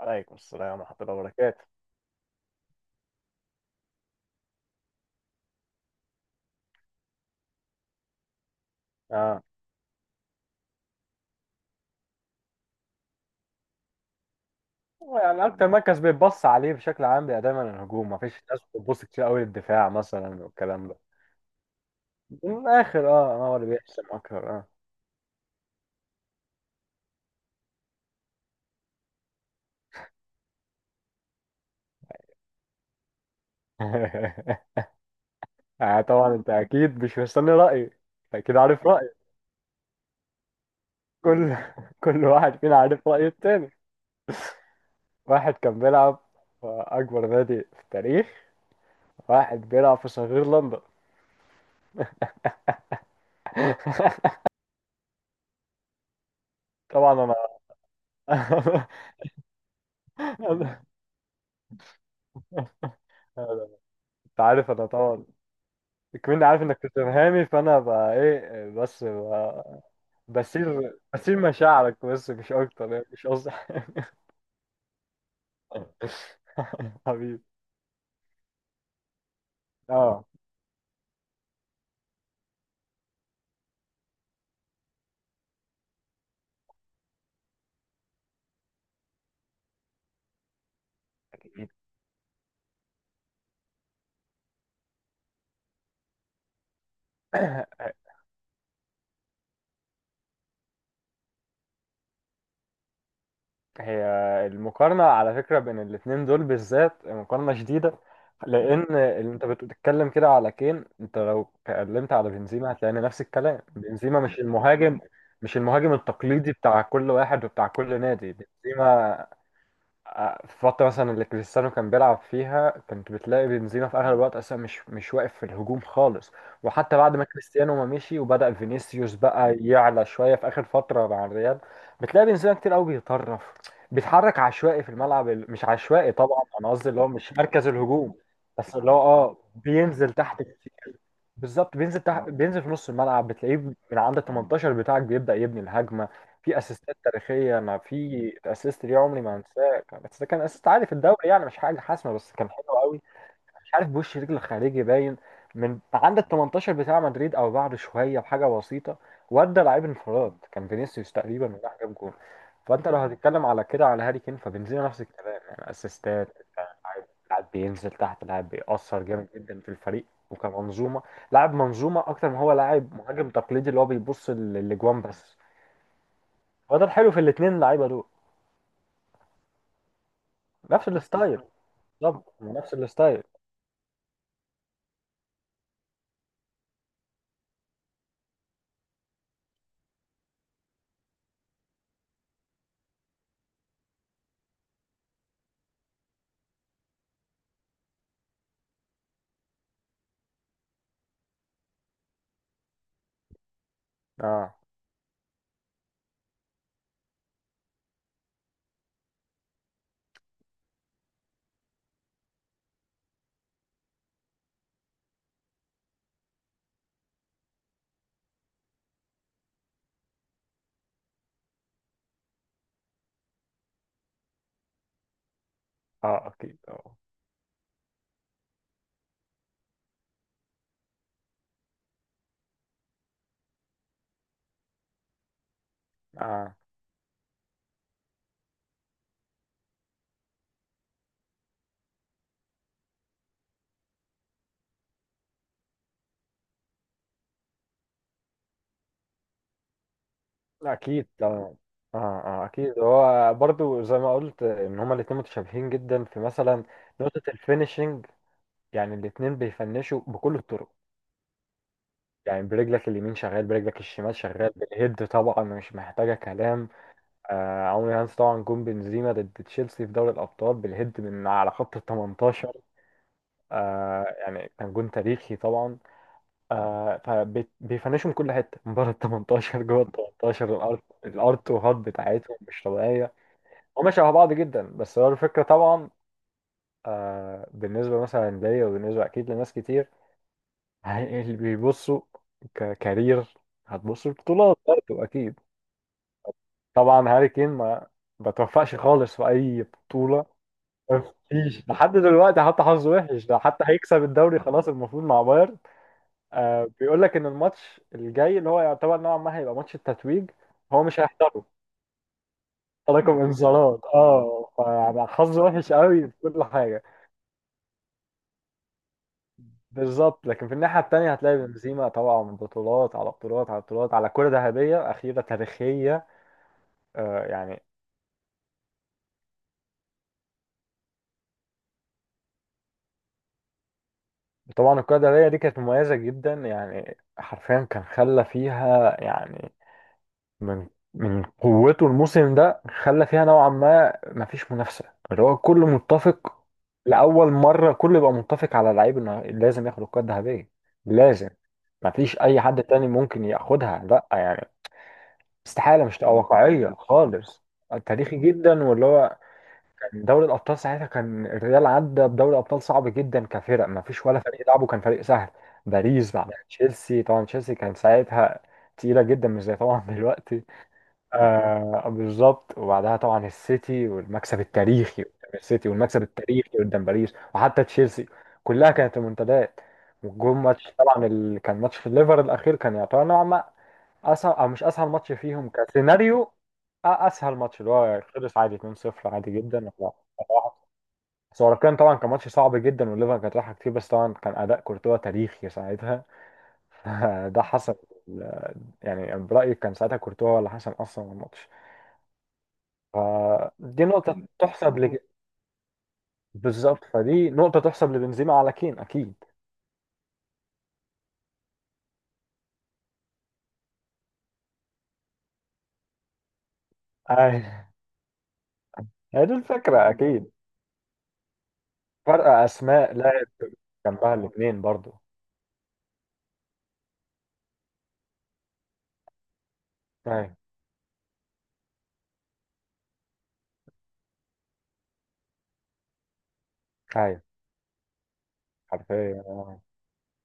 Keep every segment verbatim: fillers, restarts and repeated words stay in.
عليكم السلام ورحمة الله وبركاته. اه هو يعني أكتر مركز بيتبص عليه بشكل عام بيبقى دايما الهجوم، مفيش ناس بتبص كتير قوي للدفاع مثلا والكلام ده. من الآخر اه هو اللي بيحسم أكتر. اه. يعني طبعا أنت أكيد مش مستني رأيي، أكيد عارف رأيي. كل كل واحد فينا عارف رأي التاني. واحد كان بيلعب في أكبر نادي في التاريخ، واحد بيلعب في صغير لندن. طبعا أنا. أنت عارف أنا طبعا كمان عارف انك توتنهامي، فانا بقى ايه بس بقى. بسير بسير مشاعرك بس مش اكتر، يعني مش قصدي حاجة. حبيبي. اه. هي المقارنة على فكرة بين الاتنين دول بالذات مقارنة شديدة، لأن اللي أنت بتتكلم كده على كين، أنت لو اتكلمت على بنزيما هتلاقي نفس الكلام. بنزيما مش المهاجم، مش المهاجم التقليدي بتاع كل واحد وبتاع كل نادي. بنزيما، آه، في الفترة مثلا اللي كريستيانو كان بيلعب فيها كنت بتلاقي بنزيما في أغلب الوقت أصلا مش مش واقف في الهجوم خالص. وحتى بعد ما كريستيانو ما مشي وبدأ فينيسيوس بقى يعلى شوية في آخر فترة مع الريال، بتلاقي بنزيما كتير قوي بيطرف، بيتحرك عشوائي في الملعب. ال- مش عشوائي طبعا، أنا قصدي اللي هو مش مركز الهجوم، بس اللي هو اه بينزل تحت. بالظبط بينزل تح... بينزل في نص الملعب، بتلاقيه من عند ال تمنتاشر بتاعك بيبدأ يبني الهجمة. في اسيستات تاريخية، انا في اسيست ليه عمري ما هنساه. كان- بس ده كان اسيست عادي في الدوري يعني، مش حاجة حاسمة، بس كان حلو قوي. مش عارف بوش رجل خارجي باين من عند ال تمنتاشر بتاع مدريد او بعد شويه بحاجه بسيطه، ودى لعيب انفراد كان فينيسيوس تقريبا، وراح جاب جول. فانت لو هتتكلم على كده على هاري كين، فبنزيما نفس الكلام، يعني اسيستات. لاعب لاعب بينزل تحت، لاعب بيأثر جامد جدا في الفريق وكمنظومه، لاعب منظومه اكتر ما هو لاعب مهاجم تقليدي اللي هو بيبص لل- للاجوان بس. وده الحلو في الاثنين اللعيبه دول. نفس الستايل، بالظبط نفس الستايل. اه. اه. اكيد اه. اه. لا اكيد طبعا. اه. اه اكيد. هو برضو زي ما قلت ان هما الاتنين متشابهين جدا في مثلا نقطة الفينيشنج. يعني الاتنين بيفنشوا بكل الطرق. يعني برجلك اليمين شغال، برجلك الشمال شغال، بالهيد طبعا مش محتاجة كلام. آه عمرو هانس طبعا، جون بنزيما ضد تشيلسي في دوري الأبطال بالهيد من على خط ال تمنتاشر. آه يعني كان جون تاريخي طبعا. آه فبيفنشوا من كل حتة، من بره ال تمنتاشر، جوه ال تمنتاشر، الأرض الأرض وهات بتاعتهم مش طبيعية. هما شبه بعض جدا. بس هو الفكرة طبعا، آه بالنسبة مثلا ليا وبالنسبة أكيد لناس كتير، هي- اللي بيبصوا ككارير، هتبصوا البطولات برضه أكيد. طبعا هاري كين ما بتوفقش خالص في أي بطولة، مفيش لحد دلوقتي. حتى حظه وحش ده، حتى هيكسب الدوري خلاص المفروض مع بايرن، آه بيقول لك إن الماتش الجاي اللي هو يعتبر نوعا ما هيبقى ماتش التتويج، هو مش هيحضره. تراكم انذارات اه، فحظه وحش قوي في كل حاجة. بالظبط. لكن في الناحية التانية هتلاقي بنزيما طبعا، من بطولات على بطولات على بطولات، على كرة ذهبية أخيرة تاريخية. آه يعني طبعا الكرة الذهبية دي كانت مميزة جدا، يعني حرفيا كان خلى فيها يعني، من من قوته الموسم ده خلى فيها نوعا ما مفيش منافسة. اللي هو كله متفق، لأول مرة كله يبقى متفق على لعيب إنه لازم ياخد الكرة الذهبية. لازم، مفيش أي حد تاني ممكن ياخدها لأ يعني، استحالة، مش تبقى واقعية خالص. تاريخي جدا، واللي هو كان دوري الأبطال ساعتها، كان الريال عدى بدوري أبطال صعب جدا كفرق، ما فيش ولا فريق لعبه كان فريق سهل. باريس بعد تشيلسي، طبعا تشيلسي كان ساعتها تقيلة جدا، مش زي طبعا دلوقتي. آه بالظبط. وبعدها طبعا السيتي والمكسب التاريخي قدام السيتي، والمكسب التاريخي قدام باريس، وحتى تشيلسي، كلها كانت ريمونتادات. والجون ماتش طبعا اللي كان ماتش في الليفر الأخير كان يعتبر نوعا ما اصعب او مش اسهل ماتش فيهم كسيناريو. أ- اسهل ماتش اللي هو خلص عادي اتنين صفر عادي جدا، ولا واحد. بس هو كان طبعا كان ماتش صعب جدا والليفر كانت رايحه كتير، بس طبعا كان اداء كورتوا تاريخي ساعتها. ده حسم ال- يعني برايي كان ساعتها كورتوا هو اللي حسم اصلا الماتش. دي نقطه تحسب لج... بالظبط، فدي نقطه تحسب لبنزيما على كين اكيد. أي- هي دي الفكره اكيد، فرق اسماء لا، جنبها الاثنين برضو. ايوه ايوه حرفيا آه.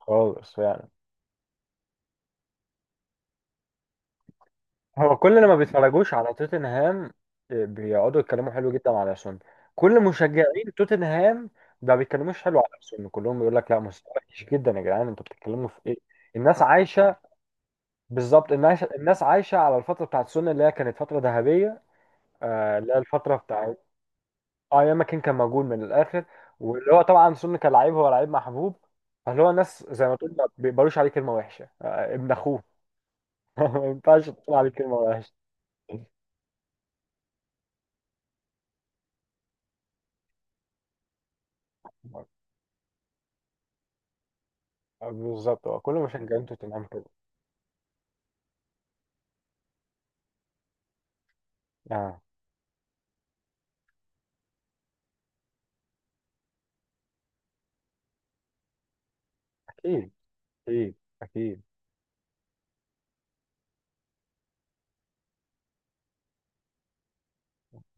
خالص يعني. هو كل اللي ما بيتفرجوش على توتنهام، آه، بيقعدوا يتكلموا حلو جدا على سون. كل مشجعين توتنهام ما بيتكلموش حلو على سون، كلهم بيقول لك لا مستوى وحش جدا يا جدعان، انتوا بتتكلموا في ايه. الناس عايشه، بالظبط الناس الناس عايشه على الفتره بتاعت سون اللي هي كانت فتره ذهبيه. آه، اللي هي الفتره بتاعت، اه ايام ما كان كان موجود من الاخر. واللي هو طبعا سون كان لعيب، هو لعيب محبوب، فاللي هو الناس زي ما تقول ما بيقبلوش عليه كلمه وحشه، آه ابن اخوه. ما ينفعش تقول عليه كلمه وحشه. بالظبط، هو كل مشجعين توتنهام كده. آه. أكيد، أكيد. أكيد.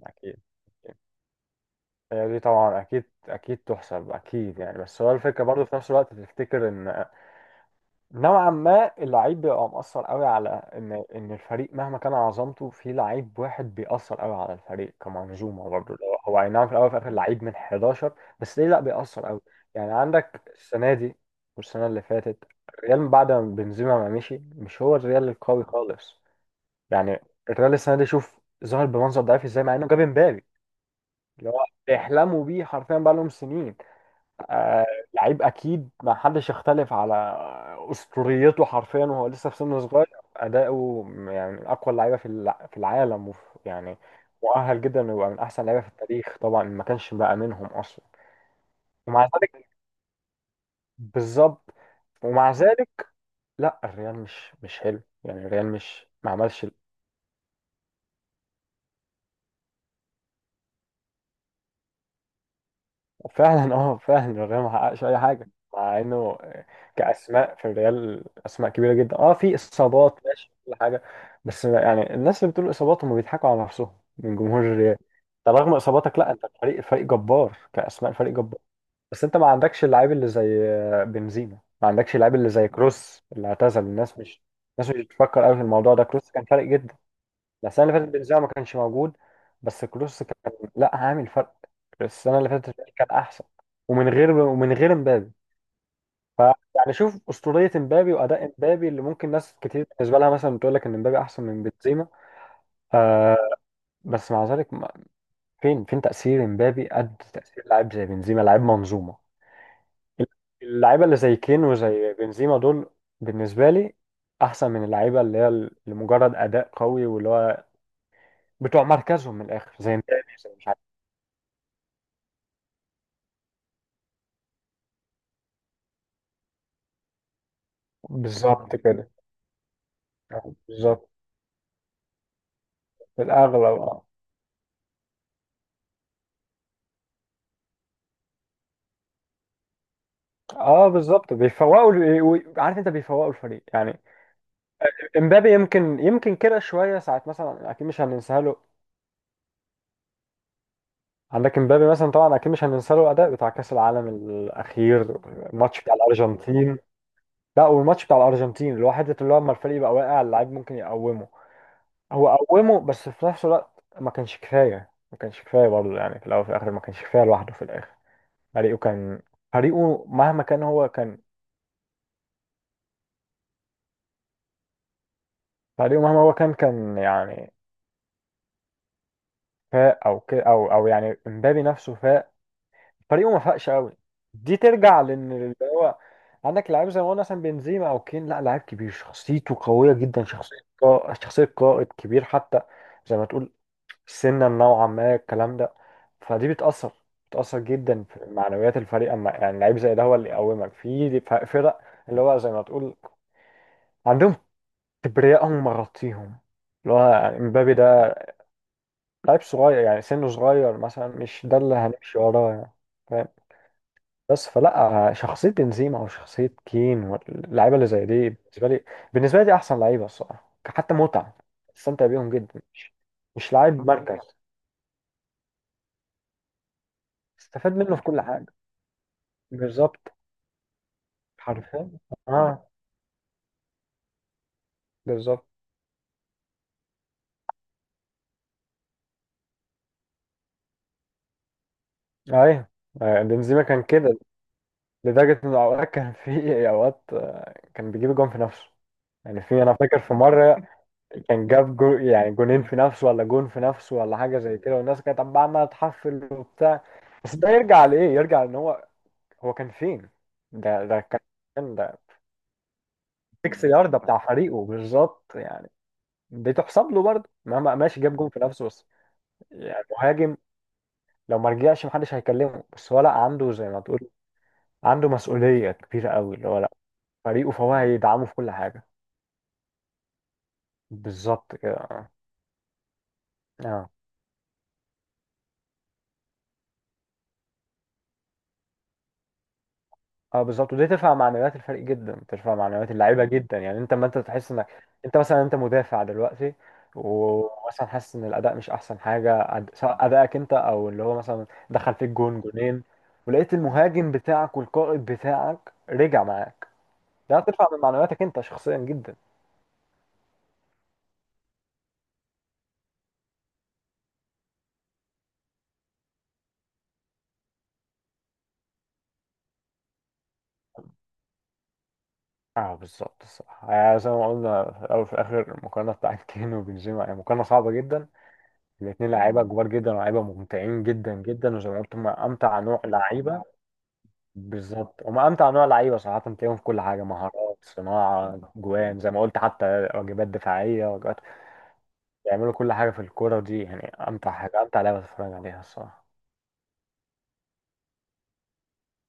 أكيد أكيد. هي دي طبعا أكيد أكيد تحسب أكيد يعني. بس هو الفكرة برضه في نفس الوقت تفتكر إن نوعا ما اللعيب بيبقى مؤثر قوي، على إن إن الفريق مهما كان عظمته في لعيب واحد بيأثر قوي على الفريق كمنظومة برضه. اللي هو هو أي نعم في الأول وفي الآخر لعيب من حداشر، بس ليه لأ، بيأثر قوي. يعني عندك السنة دي والسنة اللي فاتت، الريال بعد ما بنزيما ما مشي مش هو الريال القوي خالص. يعني الريال السنه دي، شوف ظهر بمنظر ضعيف ازاي مع انه جاب امبابي اللي هو بيحلموا بيه حرفيا بقى لهم سنين. لعيب اكيد ما حدش يختلف على اسطوريته حرفيا، وهو لسه في سن صغير، اداؤه يعني من اقوى اللعيبه في الع- في العالم. وف يعني مؤهل جدا انه يبقى من احسن لعيبه في التاريخ، طبعا ما كانش بقى منهم اصلا. ومع ذلك، بالظبط ومع ذلك لا الريال مش مش حلو يعني، الريال مش ما عملش. فعلا اه، فعلا الريال ما حققش اي حاجه، مع انه كاسماء في الريال اسماء كبيره جدا. اه في اصابات ماشي كل حاجه، بس يعني الناس اللي بتقول اصابات هم بيضحكوا على نفسهم من جمهور الريال. طب رغم اصاباتك، لا انت فريق فريق جبار كاسماء، فريق جبار، بس انت ما عندكش اللعيب اللي زي بنزيما، ما عندكش اللعيب اللي زي كروس اللي اعتزل. الناس مش الناس مش بتفكر قوي في الموضوع ده. كروس كان فارق جدا، لا السنه اللي فاتت بنزيما ما كانش موجود بس كروس كان لا عامل فرق السنه اللي فاتت، كان احسن. ومن غير ومن غير امبابي ف يعني شوف اسطوريه امبابي واداء امبابي، اللي ممكن ناس كتير بالنسبه لها مثلا بتقول لك ان امبابي احسن من بنزيما. آه بس مع ذلك ما- فين فين تاثير امبابي قد تاثير لاعب زي بنزيما، لاعب منظومه. اللعيبه اللي زي كين وزي بنزيما دول بالنسبه لي احسن من اللعيبه اللي هي لمجرد اداء قوي، واللي هو بتوع مركزهم من الاخر زي مبابي، زي مش. بالظبط كده، آه، بالظبط في الاغلب اه. اه بالظبط بيفوقوا ال- و- عارف انت بيفوقوا الفريق يعني. امبابي يمكن يمكن كده شويه ساعات مثلا، اكيد مش هننساه له. عندك امبابي مثلا طبعا اكيد مش هننساه له الاداء بتاع كاس العالم الاخير، الماتش بتاع الارجنتين. لا والماتش بتاع الارجنتين اللي هو حته اللي هو اما الفريق يبقى واقع، اللاعب ممكن يقومه، هو قومه. بس في نفس الوقت ما كانش كفايه، ما كانش كفايه برضه، يعني في الاول وفي الاخر ما كانش كفايه لوحده في الاخر. فريقه كان، فريقه مهما كان هو كان، فريقه مهما هو كان كان يعني فاق او كده او او، يعني امبابي نفسه فاق فريقه ما فاقش قوي. دي ترجع لان اللي هو عندك لعيب زي ما قلنا مثلا بنزيما او كين، لا لعيب كبير، شخصيته قويه جدا، شخصيه قا- شخصيه قائد كبير حتى، زي ما تقول سنا نوعا ما الكلام ده. فدي بتاثر بتاثر جدا في معنويات الفريق، اما يعني لعيب زي ده هو اللي يقومك في ف- فرق. اللي هو زي ما تقول عندهم كبرياء هم مغطيهم، اللي هو امبابي ده لعيب صغير، يعني سنه صغير مثلا، مش ده اللي هنمشي وراه يعني. فاهم. بس فلا شخصية بنزيما أو شخصية كين واللعيبة اللي زي دي بالنسبة لي، بالنسبة لي دي أحسن لعيبة الصراحة. حتى متعة، استمتع بيهم جدا، مش مش لعيب مركز. استفاد منه في كل حاجة، بالظبط حرفيا اه بالظبط. أيوه آه، بنزيما كان كده، لدرجة إن أوقات كان، في أوقات آه، كان بيجيب جون في نفسه. يعني في، أنا فاكر في مرة كان جاب جو يعني جونين في نفسه، ولا جون في نفسه ولا حاجه زي كده، والناس كانت عماله عمالة تحفل وبتاع. بس ده يرجع لايه؟ يرجع ان هو، هو كان فين؟ ده ده كان ده ستة يارده بتاع فريقه بالظبط يعني. دي تحسب له برضه، مهما ماشي جاب جون في نفسه بس، يعني مهاجم لو ما رجعش محدش هيكلمه. بس هو لا عنده زي ما تقول، عنده مسؤوليه كبيره قوي، اللي هو لا فريقه، فهو هيدعمه في كل حاجه. بالظبط كده. اه، اه بالظبط. ودي ترفع معنويات الفريق جدا، ترفع معنويات اللعيبه جدا. يعني انت لما انت تحس انك، انت مثلا انت مدافع دلوقتي، ومثلا حاسس ان الاداء مش احسن حاجه، أد- سواء ادائك انت او اللي هو مثلا دخل فيك جون جونين، ولقيت المهاجم بتاعك والقائد بتاعك رجع معاك، ده هترفع من معنوياتك انت شخصيا جدا. اه بالظبط الصراحه. يعني زي ما قلنا في الاول وفي الاخر، المقارنه بتاعت كين وبنزيما يعني مقارنه صعبه جدا، الاثنين لعيبه كبار جدا، ولاعيبه ممتعين جدا جدا. وزي ما قلت هم امتع نوع لعيبه، بالظبط هم امتع نوع لعيبه صراحه. تلاقيهم في كل حاجه، مهارات، صناعه جوان زي ما قلت، حتى واجبات دفاعيه، واجبات، بيعملوا كل حاجه في الكوره دي. يعني امتع حاجه، امتع لعبه تتفرج عليها الصراحه.